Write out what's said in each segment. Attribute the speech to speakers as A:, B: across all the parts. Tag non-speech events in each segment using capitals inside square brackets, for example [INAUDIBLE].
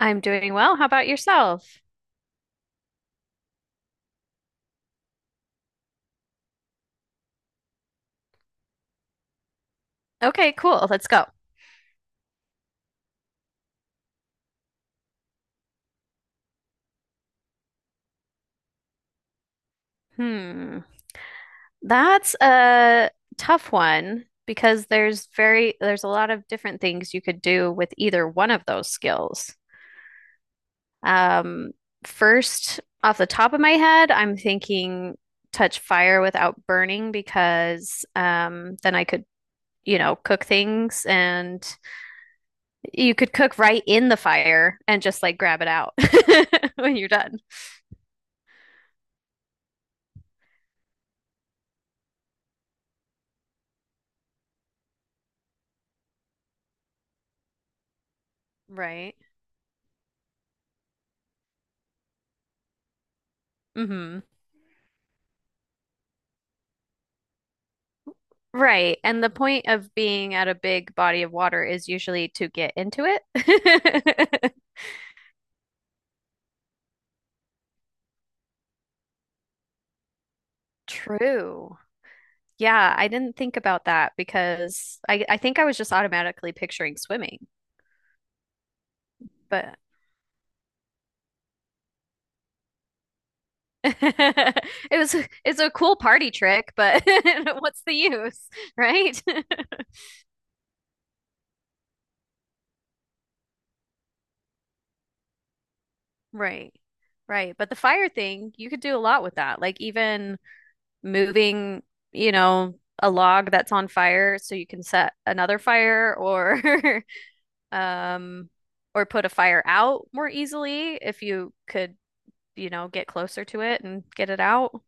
A: I'm doing well. How about yourself? Okay, cool. Let's go. Hmm. That's a tough one because there's a lot of different things you could do with either one of those skills. Um, First, off the top of my head, I'm thinking touch fire without burning because then I could, you know, cook things, and you could cook right in the fire and just like grab it out [LAUGHS] when you're done. Right. Mm-hmm. Right. And the point of being at a big body of water is usually to get into it. [LAUGHS] True. Yeah, I didn't think about that because I think I was just automatically picturing swimming, but [LAUGHS] it was it's a cool party trick, but [LAUGHS] what's the use, right? [LAUGHS] Right. Right. But the fire thing, you could do a lot with that. Like even moving, you know, a log that's on fire so you can set another fire, or [LAUGHS] um, or put a fire out more easily if you could, you know, get closer to it and get it out.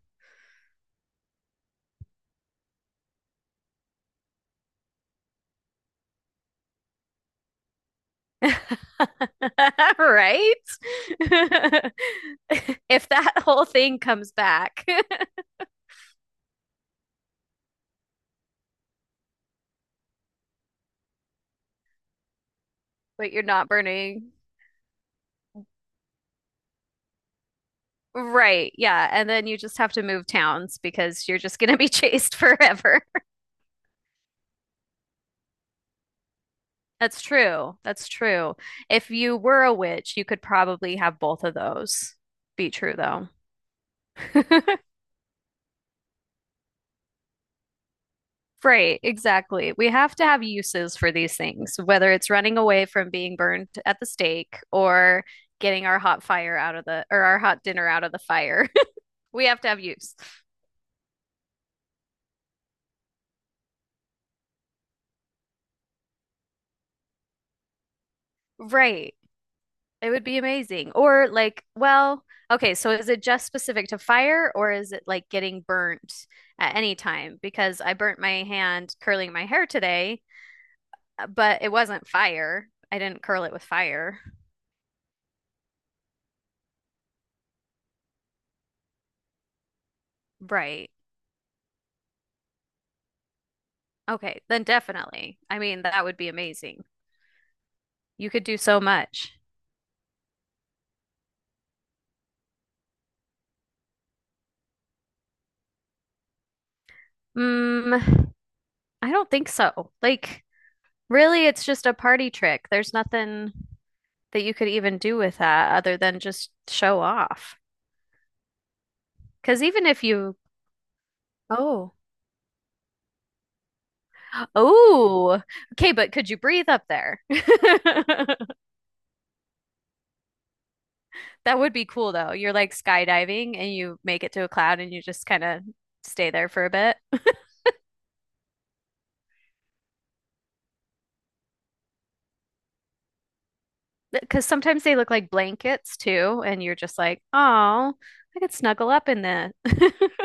A: [LAUGHS] Right? [LAUGHS] If that whole thing comes back, [LAUGHS] but you're not burning. Right. Yeah. And then you just have to move towns because you're just going to be chased forever. [LAUGHS] That's true. That's true. If you were a witch, you could probably have both of those be true, though. [LAUGHS] Right, exactly. We have to have uses for these things, whether it's running away from being burned at the stake or getting our hot fire out of the, or our hot dinner out of the fire. [LAUGHS] We have to have use. Right. It would be amazing. Or like, well, okay, so is it just specific to fire, or is it like getting burnt at any time? Because I burnt my hand curling my hair today, but it wasn't fire. I didn't curl it with fire. Right. Okay, then definitely. I mean, that would be amazing. You could do so much. Mm, I don't think so. Like, really, it's just a party trick. There's nothing that you could even do with that other than just show off. Because even if you, oh, oh, okay, but could you breathe up there? [LAUGHS] That would be cool though. You're like skydiving and you make it to a cloud and you just kind of stay there for a bit. Because sometimes they look like blankets too, and you're just like, oh, I could snuggle up in that. [LAUGHS]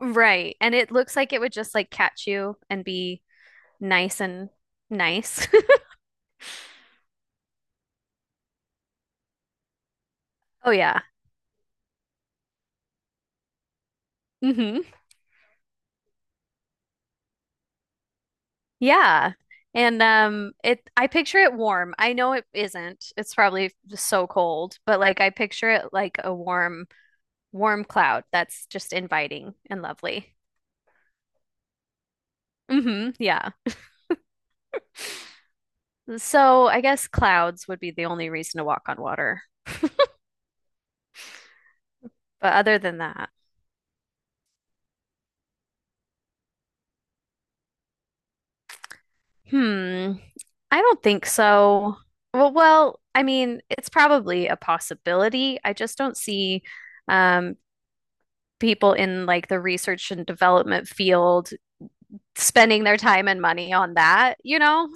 A: Right. And it looks like it would just like catch you and be nice and nice. [LAUGHS] Oh yeah. Hmm. Yeah. And it, I picture it warm. I know it isn't. It's probably just so cold, but like I picture it like a warm cloud that's just inviting and lovely. Hmm. Yeah. So I guess clouds would be the only reason to walk on water. But other than that, hmm. I don't think so. Well, I mean, it's probably a possibility. I just don't see um, people in like the research and development field spending their time and money on that, you know?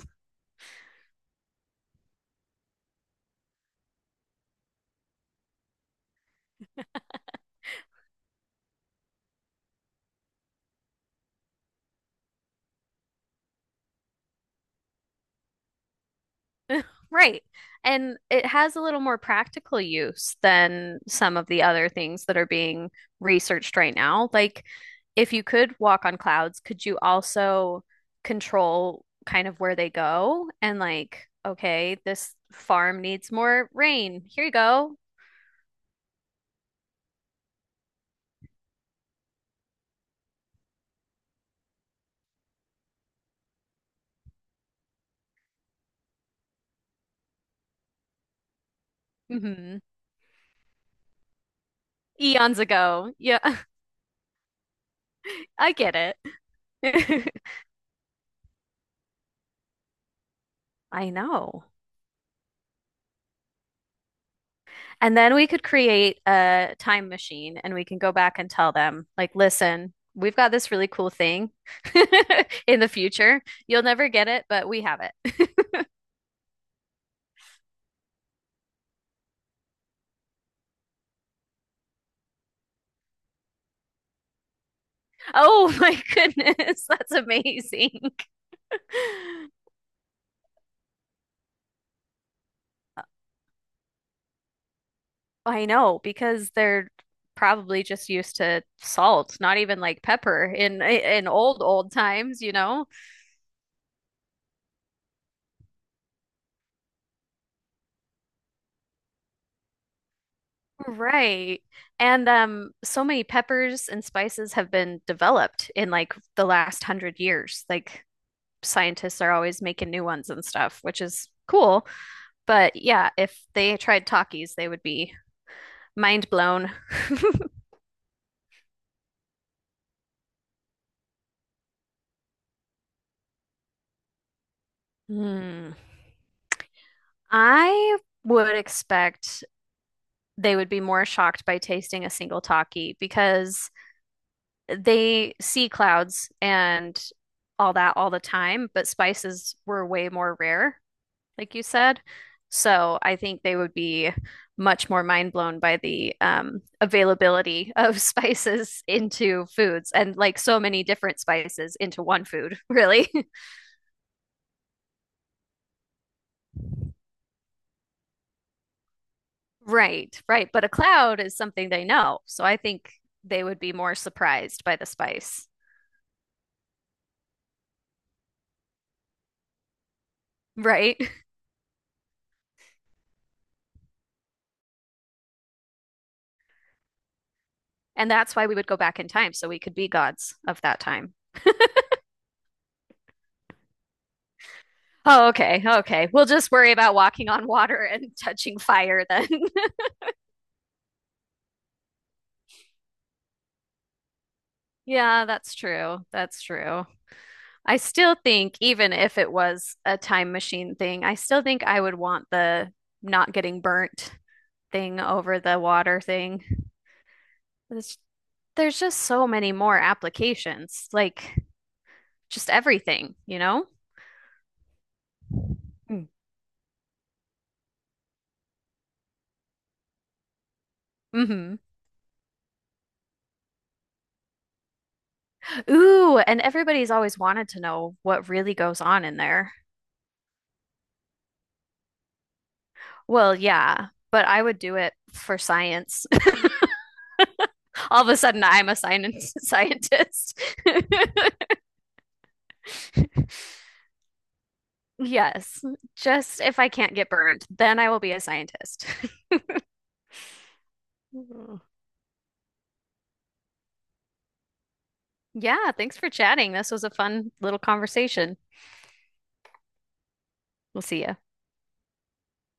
A: Right. And it has a little more practical use than some of the other things that are being researched right now. Like, if you could walk on clouds, could you also control kind of where they go? And, like, okay, this farm needs more rain. Here you go. Hmm. Eons ago. Yeah, [LAUGHS] I get it. [LAUGHS] I know. And then we could create a time machine, and we can go back and tell them, like, listen, we've got this really cool thing [LAUGHS] in the future. You'll never get it, but we have it. [LAUGHS] Oh my goodness, that's amazing. [LAUGHS] I know, because they're probably just used to salt, not even like pepper in old old times, you know? Right. And so many peppers and spices have been developed in like the last 100 years. Like scientists are always making new ones and stuff, which is cool. But yeah, if they tried Takis, they would be mind blown. [LAUGHS] Hmm. I would expect they would be more shocked by tasting a single Taki because they see clouds and all that all the time, but spices were way more rare, like you said. So I think they would be much more mind blown by the availability [LAUGHS] of spices into foods and like so many different spices into one food, really. [LAUGHS] Right, right. But a cloud is something they know. So I think they would be more surprised by the spice, right? [LAUGHS] And that's why we would go back in time so we could be gods of that time. Oh, okay. Okay. We'll just worry about walking on water and [LAUGHS] touching fire then. [LAUGHS] Yeah, that's true. That's true. I still think, even if it was a time machine thing, I still think I would want the not getting burnt thing over the water thing. There's, there's just so many more applications, like just everything, you know? Mm. Hmm. Ooh, and everybody's always wanted to know what really goes on in there. Well, yeah, but I would do it for science. [LAUGHS] All of a sudden, I'm a science [LAUGHS] scientist. [LAUGHS] Yes, just if I can't get burned, then I will be a scientist. [LAUGHS] Mm. Yeah, thanks for chatting. This was a fun little conversation. We'll see you.